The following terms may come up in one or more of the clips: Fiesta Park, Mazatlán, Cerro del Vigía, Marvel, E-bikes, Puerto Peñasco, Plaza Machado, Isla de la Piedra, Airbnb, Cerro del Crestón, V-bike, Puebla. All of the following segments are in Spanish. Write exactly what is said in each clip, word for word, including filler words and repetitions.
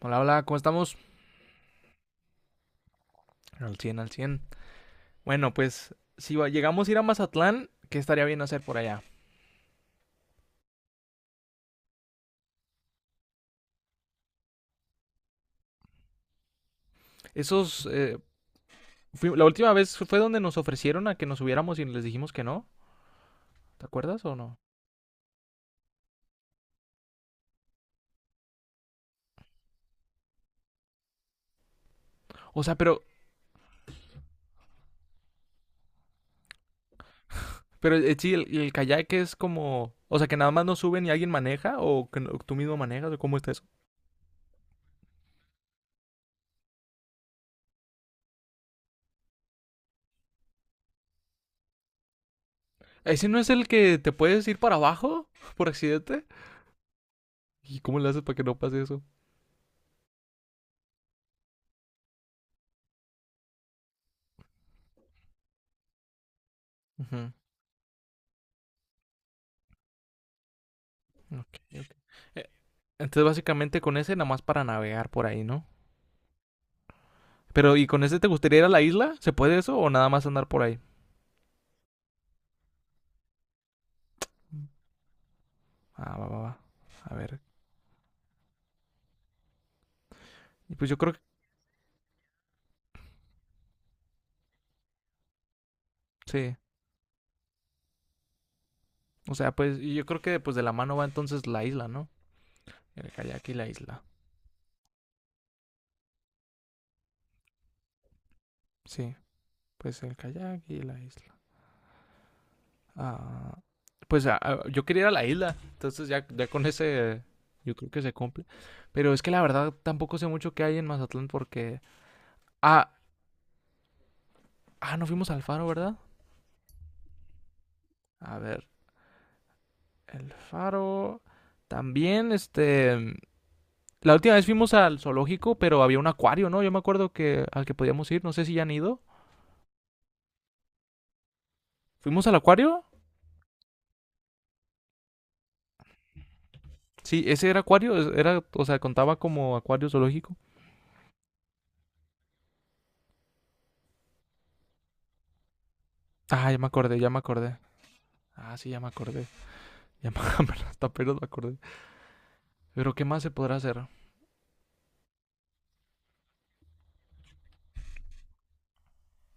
Hola, hola, ¿cómo estamos? Al cien al cien. Bueno, pues si llegamos a ir a Mazatlán, ¿qué estaría bien hacer por allá? Esos, eh, fui- la última vez fue donde nos ofrecieron a que nos subiéramos y les dijimos que no. ¿Te acuerdas o no? O sea, pero, pero eh, sí, el, el kayak es como, o sea, que nada más nos suben y alguien maneja o que no- tú mismo manejas o cómo está eso. ¿Ese no es el que te puedes ir para abajo por accidente? ¿Y cómo le haces para que no pase eso? Ujú, ok, ok. Eh, Entonces, básicamente con ese nada más para navegar por ahí, ¿no? Pero, ¿y con ese te gustaría ir a la isla? ¿Se puede eso o nada más andar por ahí? Ah, va, va, va. A ver. Y pues yo creo que sí. O sea, pues yo creo que pues de la mano va entonces la isla, ¿no? El kayak y la isla. Sí, pues el kayak y la isla. Ah, pues ah, ah, yo quería ir a la isla. Entonces ya, ya con ese eh, yo creo que se cumple. Pero es que la verdad tampoco sé mucho qué hay en Mazatlán porque... Ah, ah, no fuimos al faro, ¿verdad? A ver, el faro. También, este. La última vez fuimos al zoológico, pero había un acuario, ¿no? Yo me acuerdo que al que podíamos ir, no sé si ya han ido. ¿Fuimos al acuario? Sí, ese era acuario, es- era, o sea, contaba como acuario zoológico. Ah, ya me acordé, ya me acordé. Ah, sí, ya me acordé. Ya me apenas- hasta apenas me acordé. Pero ¿qué más se podrá hacer?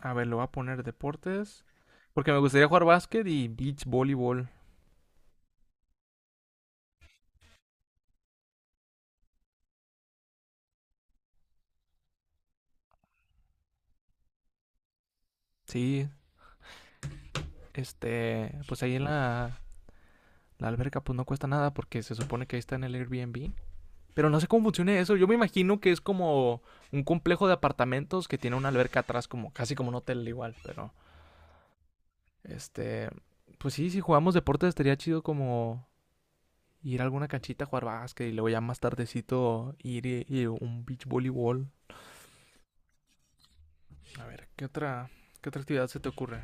A ver, lo voy a poner deportes. Porque me gustaría jugar básquet y beach voleibol. Sí, este, pues ahí en la, la alberca pues no cuesta nada porque se supone que ahí está en el Airbnb. Pero no sé cómo funciona eso. Yo me imagino que es como un complejo de apartamentos que tiene una alberca atrás, como casi como un hotel igual. Pero, este, pues sí, si jugamos deportes estaría chido como ir a alguna canchita a jugar básquet y luego ya más tardecito ir y, y un beach voleibol. A ver, ¿qué otra, qué otra actividad se te ocurre?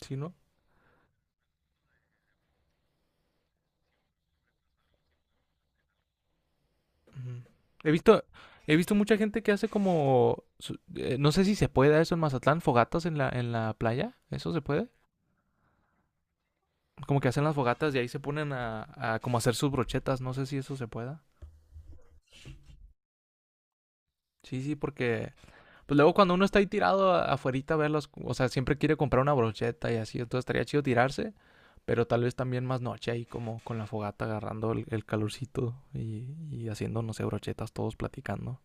¿Sí, no? Ujú. He visto, he visto mucha gente que hace como, su- eh, no sé si se puede eso en Mazatlán, fogatas en la, en la playa. ¿Eso se puede? Como que hacen las fogatas y ahí se ponen a, a como hacer sus brochetas. No sé si eso se pueda. Sí, sí, porque pues luego cuando uno está ahí tirado a- afuerita a verlos, o sea, siempre quiere comprar una brocheta y así, entonces estaría chido tirarse, pero tal vez también más noche ahí como con la fogata agarrando el, el calorcito y, y haciendo, no sé, brochetas todos platicando.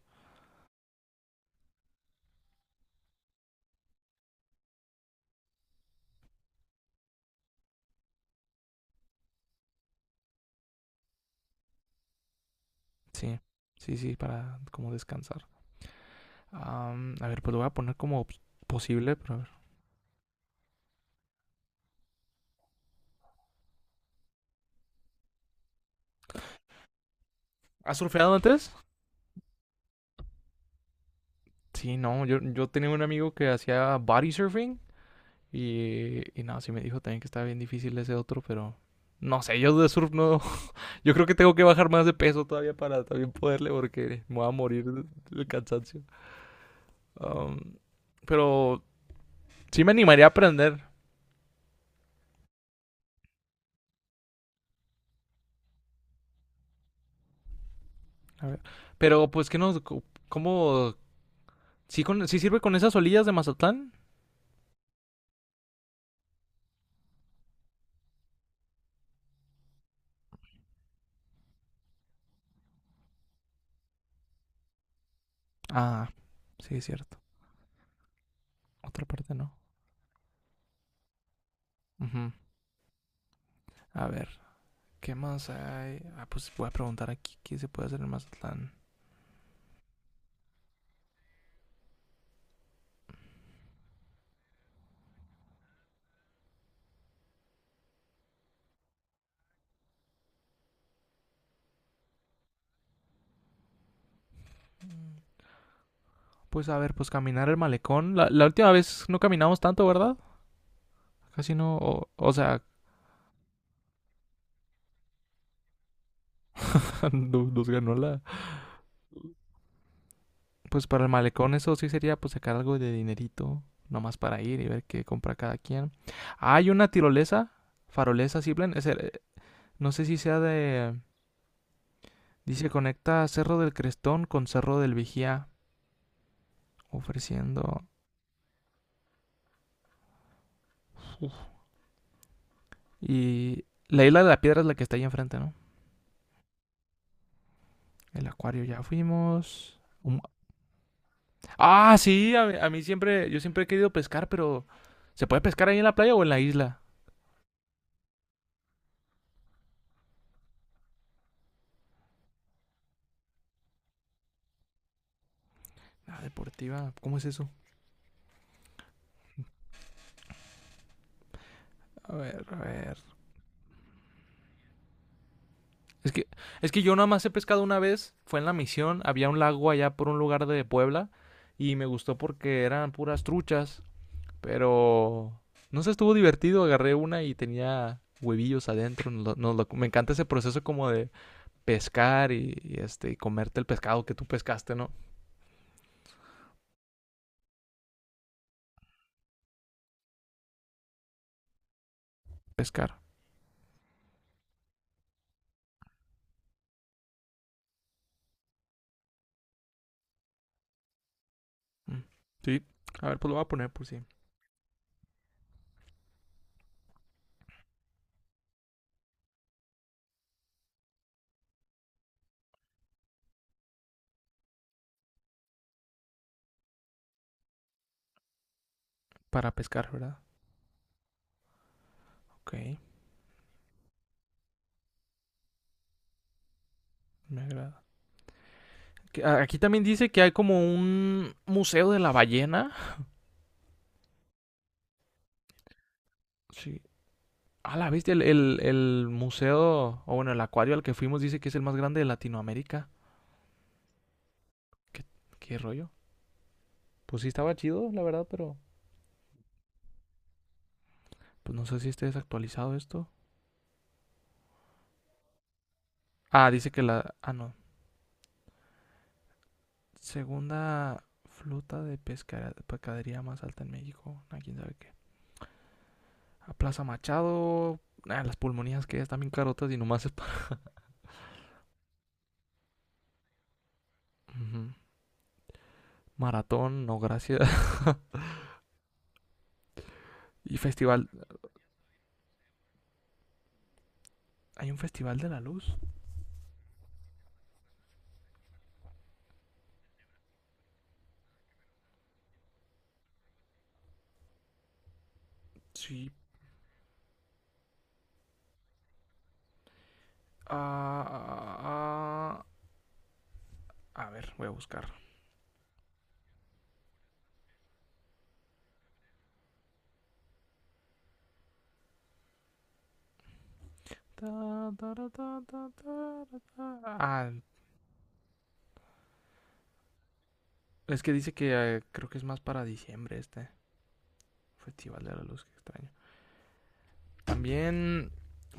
Sí, sí, sí, para como descansar. Am, a ver, pues lo voy a poner como posible, pero a ver. ¿Has surfeado antes? Sí, no, yo, yo tenía un amigo que hacía body surfing. Y, y no, sí me dijo también que estaba bien difícil ese otro, pero no sé, yo de surf no. Yo creo que tengo que bajar más de peso todavía para también poderle, porque me voy a morir del cansancio. Um, pero sí me animaría a aprender. A ver. Pero pues, ¿qué nos? ¿Cómo? ¿Sí, con? ¿Sí sirve con esas olillas de Mazatlán? Ah, sí, es cierto. Otra parte no. Ujú. A ver, ¿qué más hay? Ah, pues voy a preguntar aquí qué se puede hacer en Mazatlán. Pues a ver, pues caminar el malecón. La, la última vez no caminamos tanto, ¿verdad? Casi no, o, o sea, no- nos ganó la... Pues para el malecón eso sí sería pues sacar algo de dinerito, nomás para ir y ver qué compra cada quien. Ah, hay una tirolesa, farolesa, sí, plan, es el- eh, no sé si sea de... Dice conecta Cerro del Crestón con Cerro del Vigía, ofreciendo... Uf. Y la isla de la piedra es la que está ahí enfrente, ¿no? El acuario ya fuimos. Un- Ah, sí, a, mí a mí siempre, yo siempre he querido pescar, pero ¿se puede pescar ahí en la playa o en la isla? La deportiva, ¿cómo es eso? A ver, a ver. Es que, es que yo nada más he pescado una vez, fue en la misión, había un lago allá por un lugar de Puebla y me gustó porque eran puras truchas, pero no sé, estuvo divertido, agarré una y tenía huevillos adentro, nos lo- nos lo- me encanta ese proceso como de pescar y, y, este y comerte el pescado que tú pescaste, ¿no? Pescar. Mm. Sí. A ver, pues lo voy a poner por si para pescar, ¿verdad? Ok, me agrada. Que a- Aquí también dice que hay como un museo de la ballena. Sí. Ah, la bestia, el, el- el museo, o bueno, el acuario al que fuimos dice que es el más grande de Latinoamérica. ¿Qué, qué rollo? Pues sí estaba chido, la verdad, pero pues no sé si esté desactualizado esto. Ah, dice que la... Ah, no. Segunda flota de pesca- pescadería más alta en México. Ah, quién sabe qué. A Plaza Machado. Ah, las pulmonías que están bien carotas y nomás es para... Ujú. Maratón, no gracias. Y festival Hay un festival de la luz. Sí. Ah, ah, ah, a ver, voy a buscar. Ta, tara, ta, ta, tara, ta. Ah, es que dice que eh, creo que es más para diciembre este festival de la luz, que extraño. También,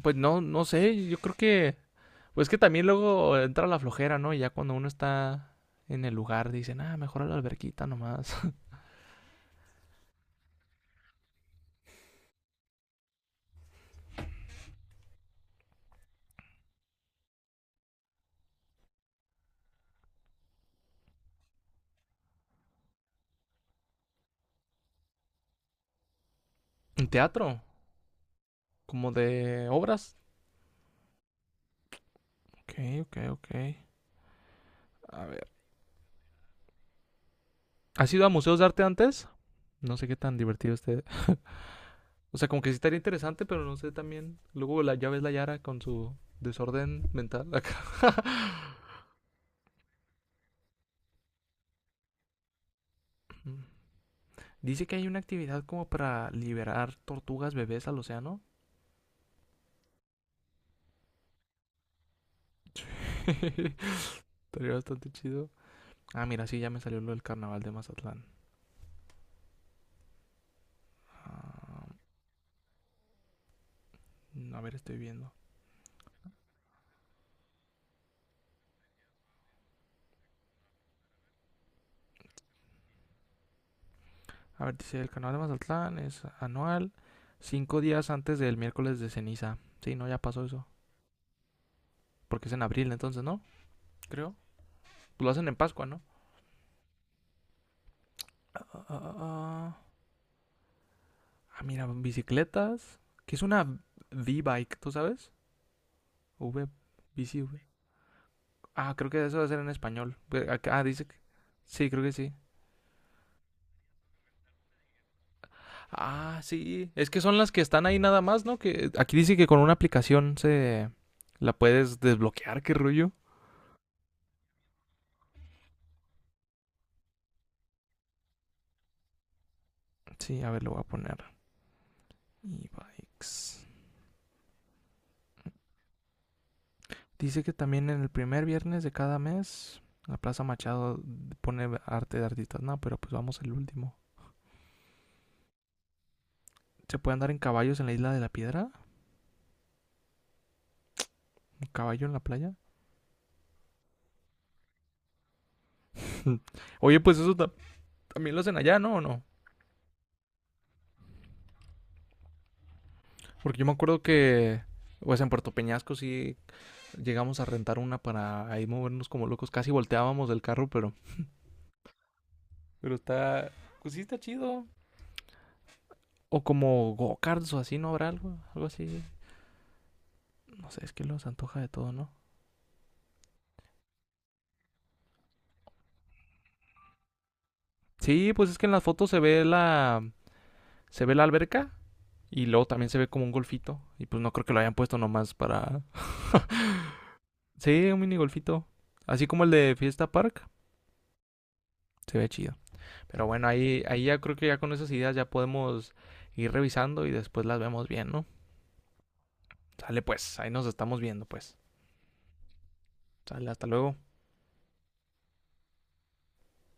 pues no, no sé, yo creo que, pues que también luego entra la flojera, ¿no? Y ya cuando uno está en el lugar dicen, ah, mejor a la alberquita nomás. ¿En teatro? ¿Como de obras? Ok, ok, ok. A ver. ¿Has ido a museos de arte antes? No sé qué tan divertido esté. O sea, como que sí estaría interesante, pero no sé también. Luego la, ya ves la Yara con su desorden mental acá. Dice que hay una actividad como para liberar tortugas bebés al océano. Sí, estaría bastante chido. Ah, mira, sí, ya me salió lo del carnaval de Mazatlán. Mm, A ver, estoy viendo. A ver, dice, el carnaval de Mazatlán es anual, cinco días antes del miércoles de ceniza. Sí, no, ya pasó eso. Porque es en abril entonces, ¿no? Creo. Pues lo hacen en Pascua, ¿no? Ah, ah, ah. Ah, mira, bicicletas. ¿Qué es una V-bike? ¿Tú sabes? V, bici, V. Ah, creo que eso va a ser en español. Ve- ac- Ah, dice que... Sí, creo que sí. Ah, sí. Es que son las que están ahí nada más, ¿no? Que aquí dice que con una aplicación se... La puedes desbloquear, qué rollo. Sí, a ver, lo voy a poner. E-bikes. Dice que también en el primer viernes de cada mes, la Plaza Machado pone arte de artistas. No, pero pues vamos el último. ¿Se puede andar en caballos en la Isla de la Piedra? ¿Un caballo en la playa? Mm. Oye, pues eso ta- también lo hacen allá, ¿no? ¿O no? Porque yo me acuerdo que, pues en Puerto Peñasco sí llegamos a rentar una para ahí movernos como locos. Casi volteábamos del carro, pero... Pero está... Pues sí está chido. O como go-karts o así, ¿no habrá algo? Algo así. No sé, es que los antoja de todo, ¿no? Sí, pues es que en las fotos se ve la... Se ve la alberca y luego también se ve como un golfito. Y pues no creo que lo hayan puesto nomás para... Sí, un mini golfito. Así como el de Fiesta Park. Se ve chido. Pero bueno, ahí, ahí ya creo que ya con esas ideas ya podemos ir revisando y después las vemos bien, ¿no? Sale pues, ahí nos estamos viendo pues. Sale, hasta luego.